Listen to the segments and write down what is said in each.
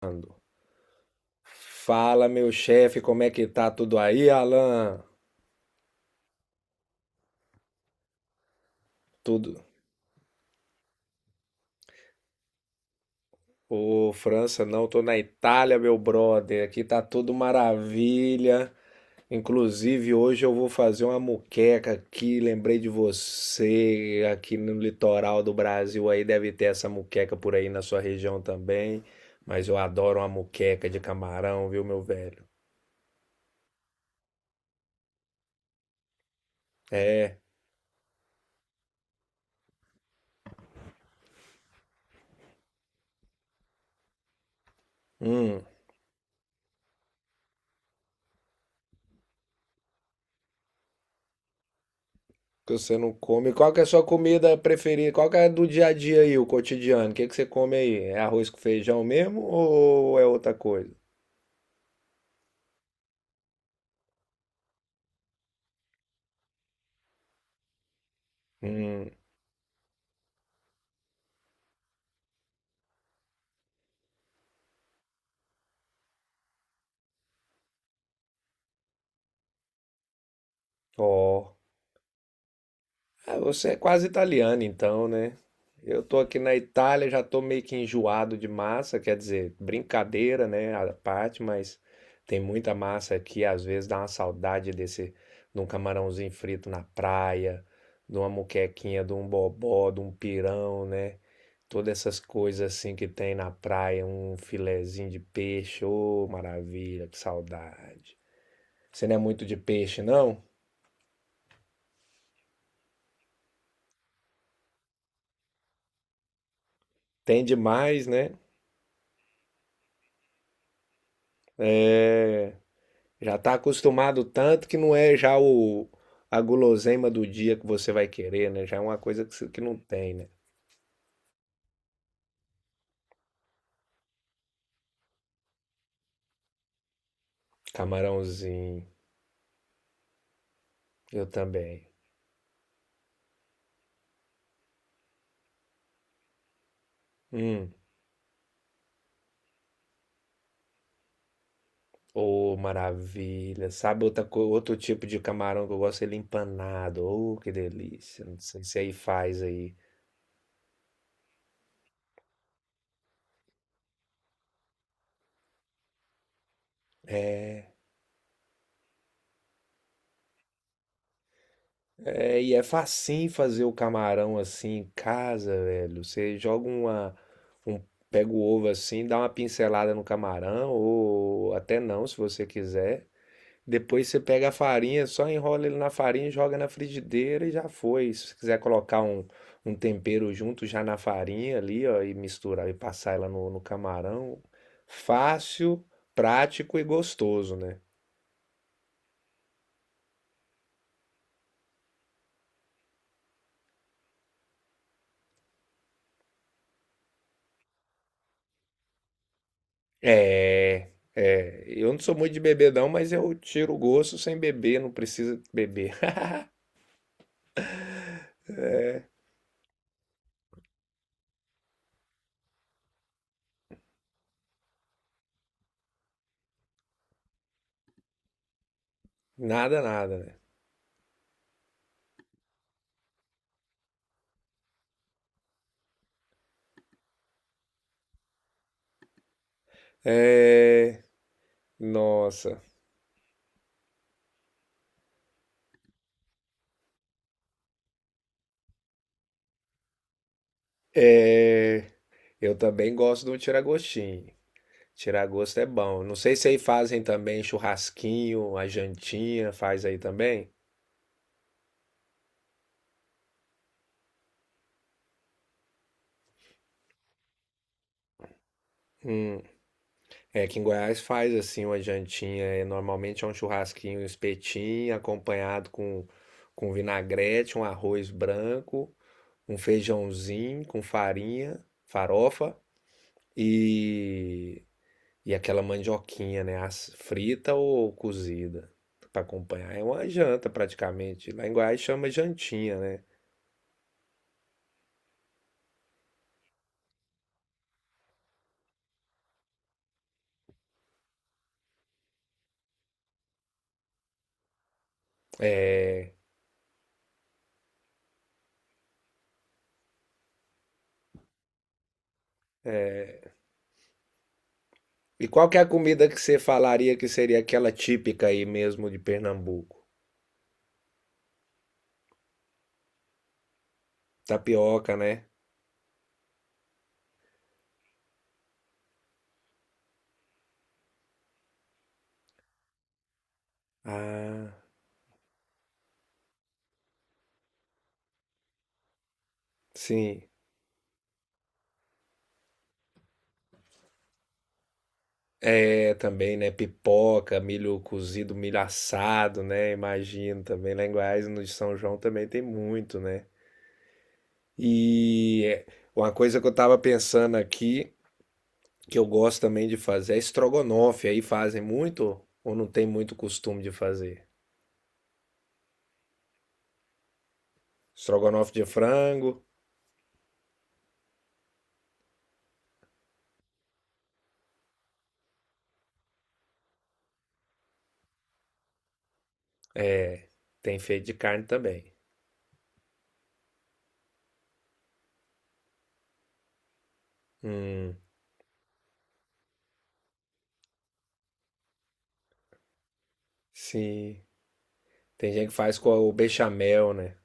Ando. Fala, meu chefe, como é que tá tudo aí, Alan? Tudo. Ô, França, não, tô na Itália, meu brother. Aqui tá tudo maravilha. Inclusive, hoje eu vou fazer uma muqueca aqui. Lembrei de você. Aqui no litoral do Brasil aí deve ter essa muqueca por aí na sua região também. Mas eu adoro uma muqueca de camarão, viu, meu velho? É. Hum. Que você não come. Qual que é a sua comida preferida? Qual que é do dia a dia aí, o cotidiano? O que que você come aí? É arroz com feijão mesmo ou é outra coisa? Hum, ó. Ah, você é quase italiano então, né? Eu tô aqui na Itália, já tô meio que enjoado de massa, quer dizer, brincadeira, né, a parte, mas tem muita massa aqui, às vezes dá uma saudade desse, de um camarãozinho frito na praia, de uma muquequinha, de um bobó, de um pirão, né? Todas essas coisas assim que tem na praia, um filezinho de peixe, ô maravilha, que saudade. Você não é muito de peixe, não? Tem demais, né? É, já tá acostumado tanto que não é já o, a guloseima do dia que você vai querer, né? Já é uma coisa que, que não tem, né? Camarãozinho, eu também. Hum, ô maravilha. Sabe outra, outro tipo de camarão que eu gosto? Ele empanado. Ô, que delícia. Não sei se aí faz aí. É, e é facinho fazer o camarão assim em casa, velho. Você joga uma, um, pega o ovo assim, dá uma pincelada no camarão, ou até não, se você quiser. Depois você pega a farinha, só enrola ele na farinha, joga na frigideira e já foi. Se você quiser colocar um, um tempero junto já na farinha ali, ó, e misturar e passar ela no, no camarão, fácil, prático e gostoso, né? É, é, eu não sou muito de beber não, mas eu tiro o gosto sem beber, não precisa beber. Nada, nada, né? É, nossa. É, eu também gosto do tiragostinho. Tiragosto é bom. Não sei se aí fazem também churrasquinho, a jantinha, faz aí também? Hum, é que em Goiás faz assim uma jantinha, é, normalmente é um churrasquinho, um espetinho, acompanhado com vinagrete, um arroz branco, um feijãozinho com farinha, farofa e, e aquela mandioquinha, né? Frita ou cozida para acompanhar. É uma janta praticamente. Lá em Goiás chama jantinha, né? E qual que é a comida que você falaria que seria aquela típica aí mesmo de Pernambuco? Tapioca, né? Ah, sim. É, também, né? Pipoca, milho cozido, milho assado, né? Imagino também. Lá em Goiás, no de São João, também tem muito, né? E uma coisa que eu estava pensando aqui, que eu gosto também de fazer, é estrogonofe. Aí fazem muito ou não tem muito costume de fazer? Estrogonofe de frango, tem feito de carne também. Hum, sim. Tem gente que faz com o bechamel, né?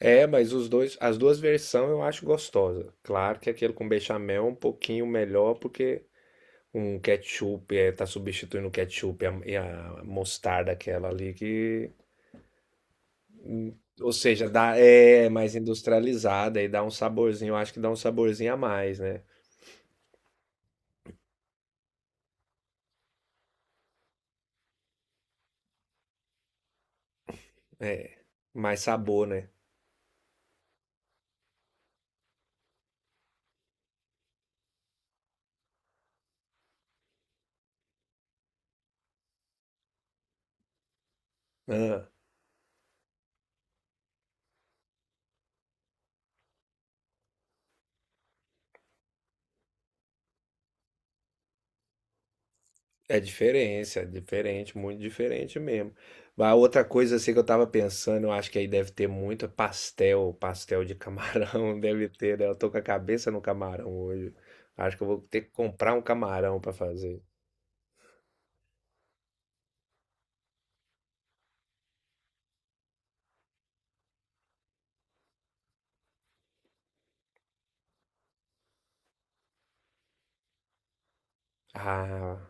É, mas os dois, as duas versões eu acho gostosa. Claro que aquele com bechamel é um pouquinho melhor porque um ketchup é, tá substituindo o ketchup e a mostarda aquela ali que... Hum. Ou seja, dá, é mais industrializada e dá um saborzinho. Eu acho que dá um saborzinho a mais, né? É, mais sabor, né? Ah, é diferença, é diferente, muito diferente mesmo. A outra coisa assim que eu tava pensando, eu acho que aí deve ter muito é pastel, pastel de camarão, deve ter, né? Eu tô com a cabeça no camarão hoje. Acho que eu vou ter que comprar um camarão pra fazer. Ah,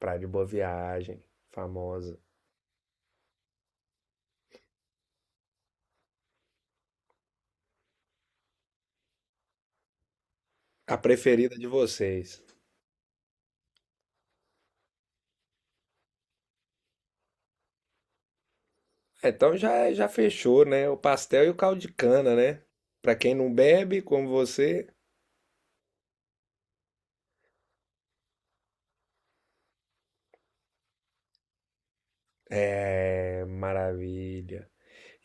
praia de Boa Viagem, famosa. A preferida de vocês. É, então já, já fechou, né? O pastel e o caldo de cana, né? Pra quem não bebe, como você. É maravilha.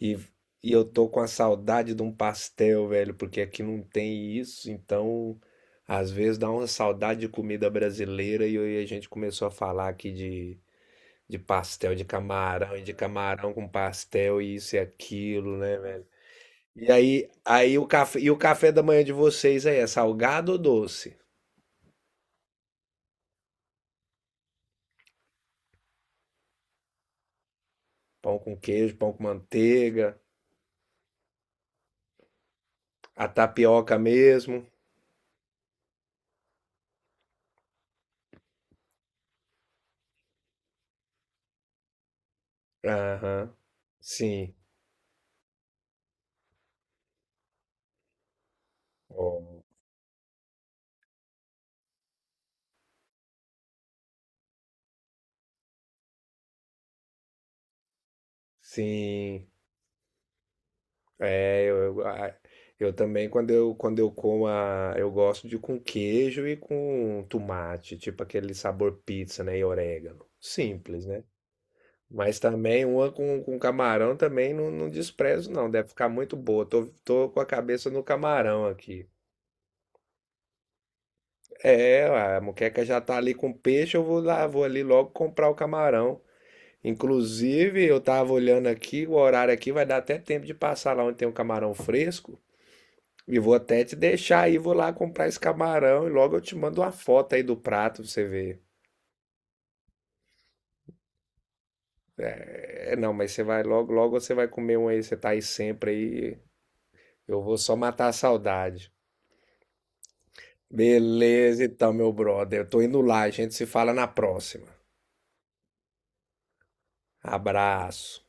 E, e eu tô com a saudade de um pastel, velho, porque aqui não tem isso, então às vezes dá uma saudade de comida brasileira e aí a gente começou a falar aqui de pastel de camarão e de camarão com pastel e isso e aquilo, né, velho? E aí, aí o café, e o café da manhã de vocês aí é salgado ou doce? Pão com queijo, pão com manteiga. A tapioca mesmo. Aham. Sim. Ó, sim. É, eu, eu, a- eu também quando eu como a, eu gosto de com queijo e com tomate, tipo aquele sabor pizza, né, e orégano. Simples, né? Mas também uma com camarão também não, não desprezo não, deve ficar muito boa. Tô, tô com a cabeça no camarão aqui. É, a moqueca já tá ali com peixe, eu vou lá, vou ali logo comprar o camarão. Inclusive, eu tava olhando aqui, o horário aqui vai dar até tempo de passar lá onde tem um camarão fresco. E vou até te deixar aí, vou lá comprar esse camarão e logo eu te mando uma foto aí do prato pra você ver. É, não, mas você vai logo, logo você vai comer um aí, você tá aí sempre aí. Eu vou só matar a saudade. Beleza, então, meu brother. Eu tô indo lá, a gente se fala na próxima. Abraço.